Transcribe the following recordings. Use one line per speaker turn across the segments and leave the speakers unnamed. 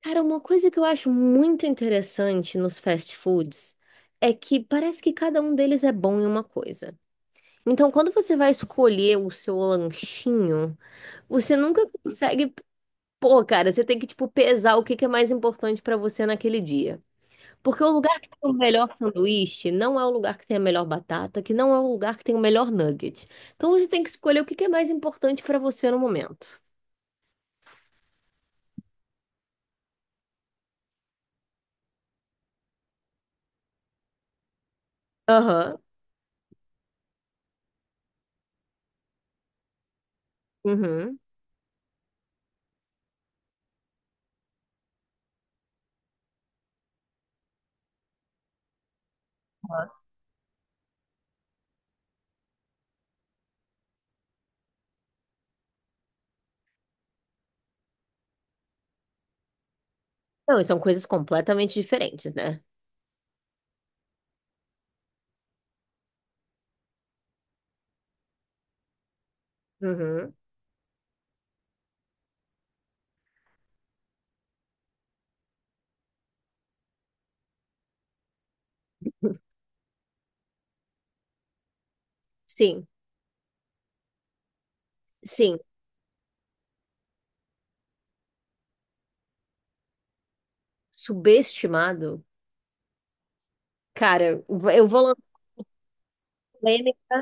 Cara, uma coisa que eu acho muito interessante nos fast foods é que parece que cada um deles é bom em uma coisa. Então, quando você vai escolher o seu lanchinho, você nunca consegue. Pô, cara, você tem que, pesar o que que é mais importante pra você naquele dia. Porque o lugar que tem o melhor sanduíche não é o lugar que tem a melhor batata, que não é o lugar que tem o melhor nugget. Então, você tem que escolher o que que é mais importante pra você no momento. Aham. Uhum. Não, e são coisas completamente diferentes, né? Uhum. Sim, sim. Subestimado? Cara, eu vou lançar polêmica.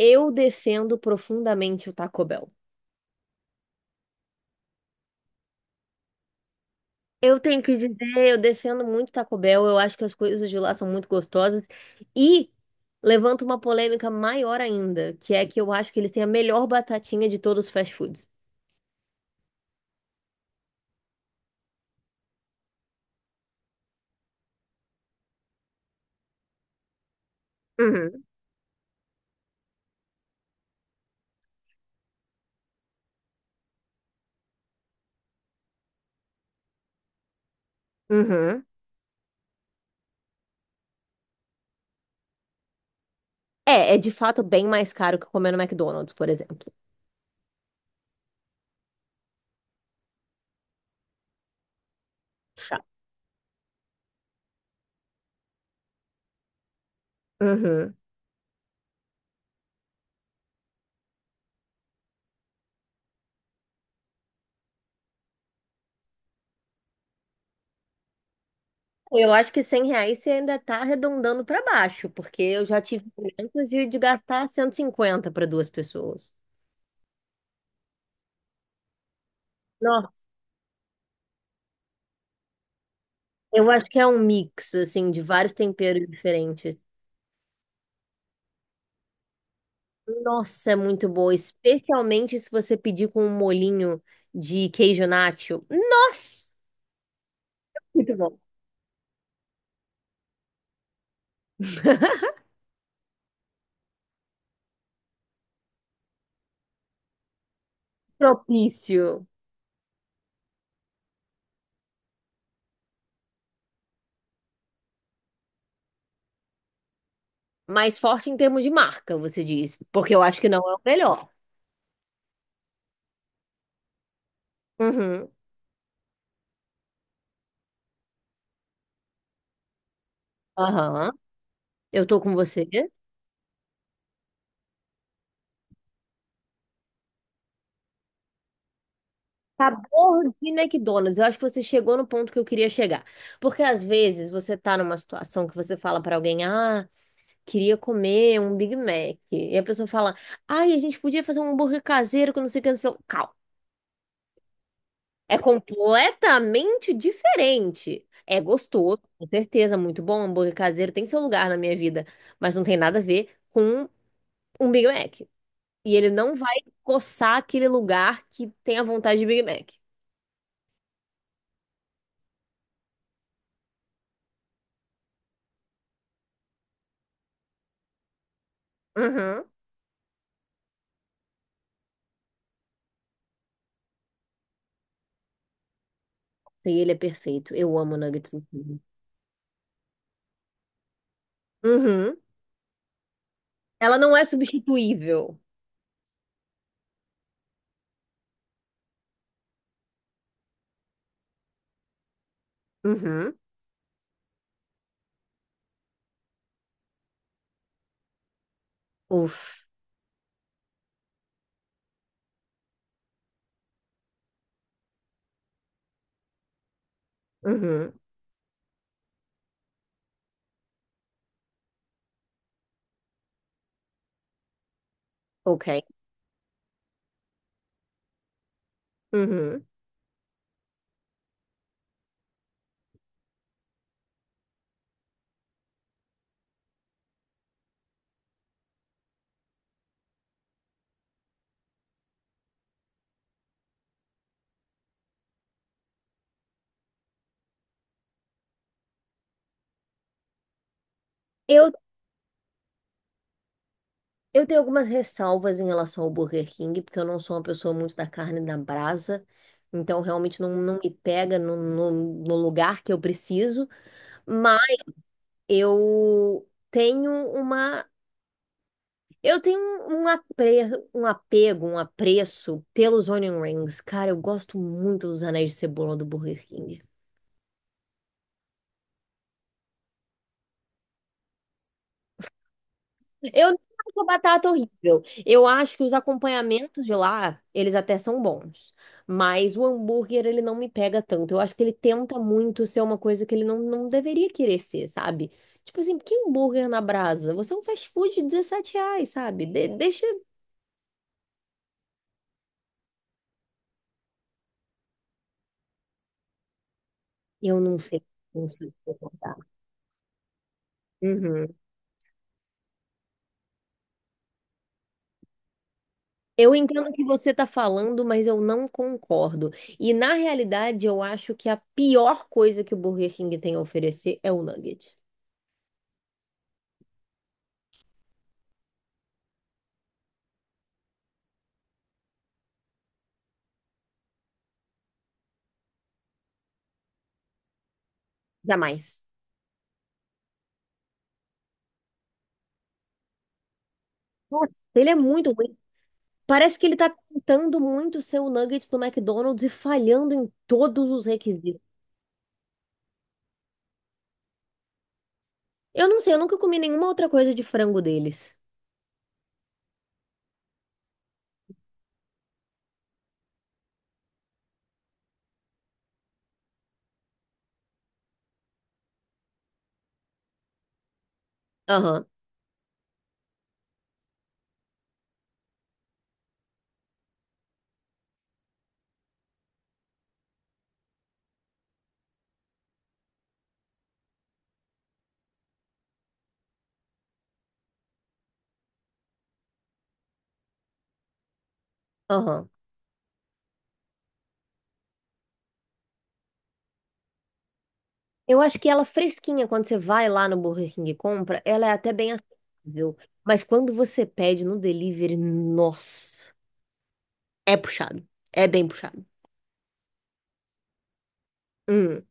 Eu defendo profundamente o Taco Bell. Eu tenho que dizer, eu defendo muito o Taco Bell. Eu acho que as coisas de lá são muito gostosas. E levanto uma polêmica maior ainda, que é que eu acho que eles têm a melhor batatinha de todos os fast foods. Uhum, uhum. É, é de fato bem mais caro que comer no McDonald's, por exemplo. Chato. Uhum. Eu acho que R$ 100 você ainda está arredondando para baixo, porque eu já tive momentos de gastar 150 para duas pessoas. Nossa, eu acho que é um mix, assim, de vários temperos diferentes. Nossa, é muito boa, especialmente se você pedir com um molhinho de queijo nacho. Nossa, muito bom. Propício. Mais forte em termos de marca, você diz, porque eu acho que não é o melhor. Uhum. Aham. Eu tô com você. Sabor de McDonald's. Eu acho que você chegou no ponto que eu queria chegar. Porque às vezes você tá numa situação que você fala pra alguém, ah, queria comer um Big Mac. E a pessoa fala, ai, a gente podia fazer um hambúrguer caseiro com não sei o que, não sei o que. Calma. É completamente diferente. É gostoso, com certeza, muito bom. Hambúrguer caseiro tem seu lugar na minha vida, mas não tem nada a ver com um Big Mac. E ele não vai coçar aquele lugar que tem a vontade de Big Mac. Uhum. Sim, ele é perfeito. Eu amo nuggets no filme. Uhum, Ela não é substituível. Uhum, Uf, uhum, ok. Uhum. Eu, eu tenho algumas ressalvas em relação ao Burger King, porque eu não sou uma pessoa muito da carne da brasa, então realmente não me pega no lugar que eu preciso, mas eu tenho uma. Eu tenho um apego, um apreço pelos onion rings. Cara, eu gosto muito dos anéis de cebola do Burger King. Eu não acho a batata horrível. Eu acho que os acompanhamentos de lá, eles até são bons. Mas o hambúrguer, ele não me pega tanto. Eu acho que ele tenta muito ser uma coisa que ele não deveria querer ser, sabe? Tipo assim, por que hambúrguer na brasa? Você é um fast food de R$ 17, sabe? De- deixa. Eu não sei. Não sei se eu vou concordar. Uhum. Eu entendo o que você está falando, mas eu não concordo. E na realidade, eu acho que a pior coisa que o Burger King tem a oferecer é o nugget. Jamais. Nossa, ele é muito ruim. Parece que ele tá tentando muito ser o Nuggets do McDonald's e falhando em todos os requisitos. Eu não sei, eu nunca comi nenhuma outra coisa de frango deles. Aham, aham. Eu acho que ela fresquinha, quando você vai lá no Burger King e compra, ela é até bem acessível. Mas quando você pede no delivery, nossa, é puxado. É bem puxado. Hum.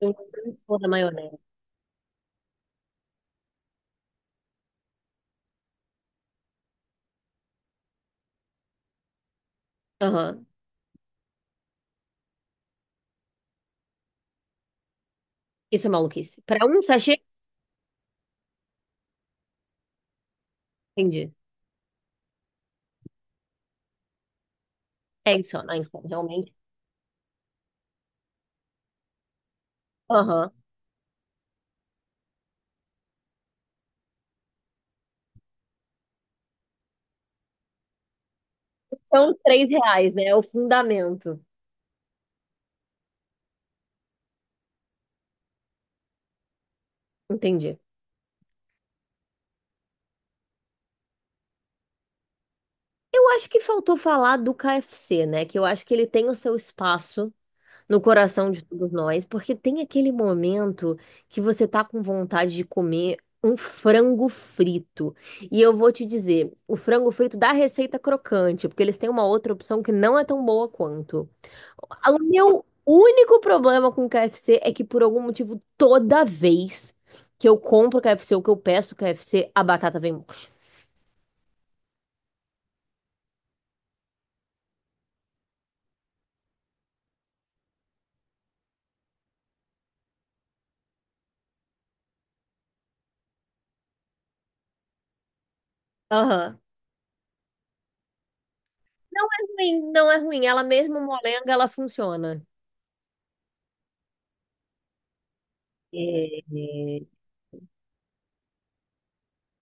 Eu não sou da maionese. Aham. Isso é maluquice. Pra um sachê, entendi. É insano, realmente. Aham. São R$ 3, né? É o fundamento. Entendi. Eu acho que faltou falar do KFC, né? Que eu acho que ele tem o seu espaço no coração de todos nós, porque tem aquele momento que você tá com vontade de comer um frango frito. E eu vou te dizer, o frango frito da receita crocante, porque eles têm uma outra opção que não é tão boa quanto. O meu único problema com o KFC é que por algum motivo toda vez que eu compro KFC ou que eu peço KFC, a batata vem murcha. Aham. Não é ruim, não é ruim. Ela mesmo molenga, ela funciona. É,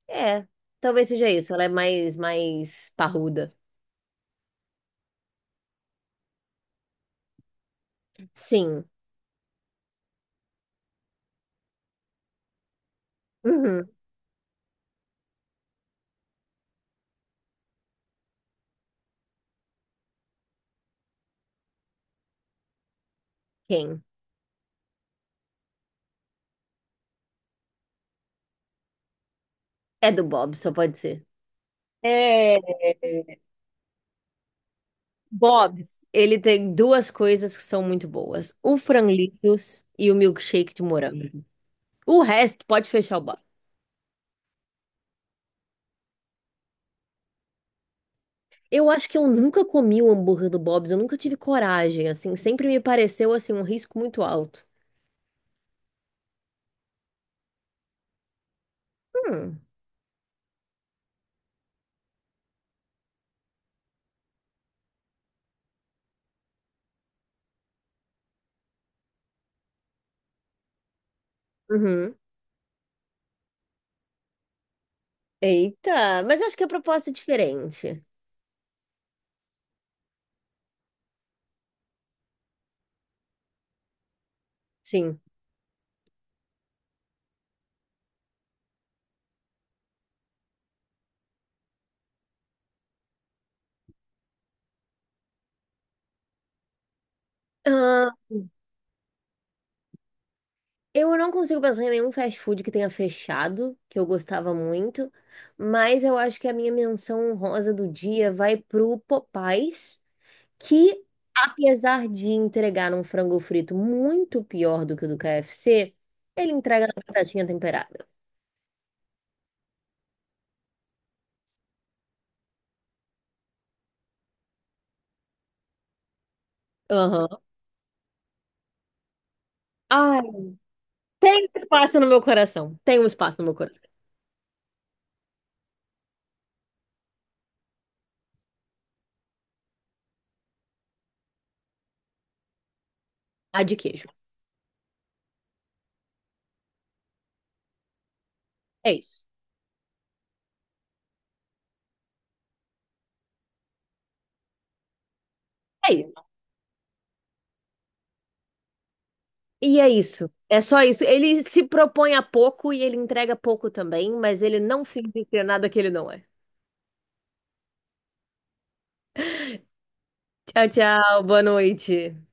é, talvez seja isso. Ela é mais parruda. Sim. Uhum. Quem? É do Bob, só pode ser. É. Bob's, ele tem duas coisas que são muito boas: o franlitos e o milkshake de morango. O resto pode fechar o bar. Eu acho que eu nunca comi o hambúrguer do Bob's, eu nunca tive coragem, assim, sempre me pareceu assim um risco muito alto. Hum. Uhum. Eita, mas eu acho que a proposta é diferente. Sim. Ah, eu não consigo pensar em nenhum fast food que tenha fechado, que eu gostava muito, mas eu acho que a minha menção honrosa do dia vai pro Popais, que apesar de entregar um frango frito muito pior do que o do KFC, ele entrega na batatinha temperada. Aham. Ai, tem um espaço no meu coração. Tem um espaço no meu coração. A de queijo. É isso. É isso. E é isso. É só isso. Ele se propõe a pouco e ele entrega pouco também, mas ele não finge ser nada que ele não é. Tchau, tchau. Boa noite.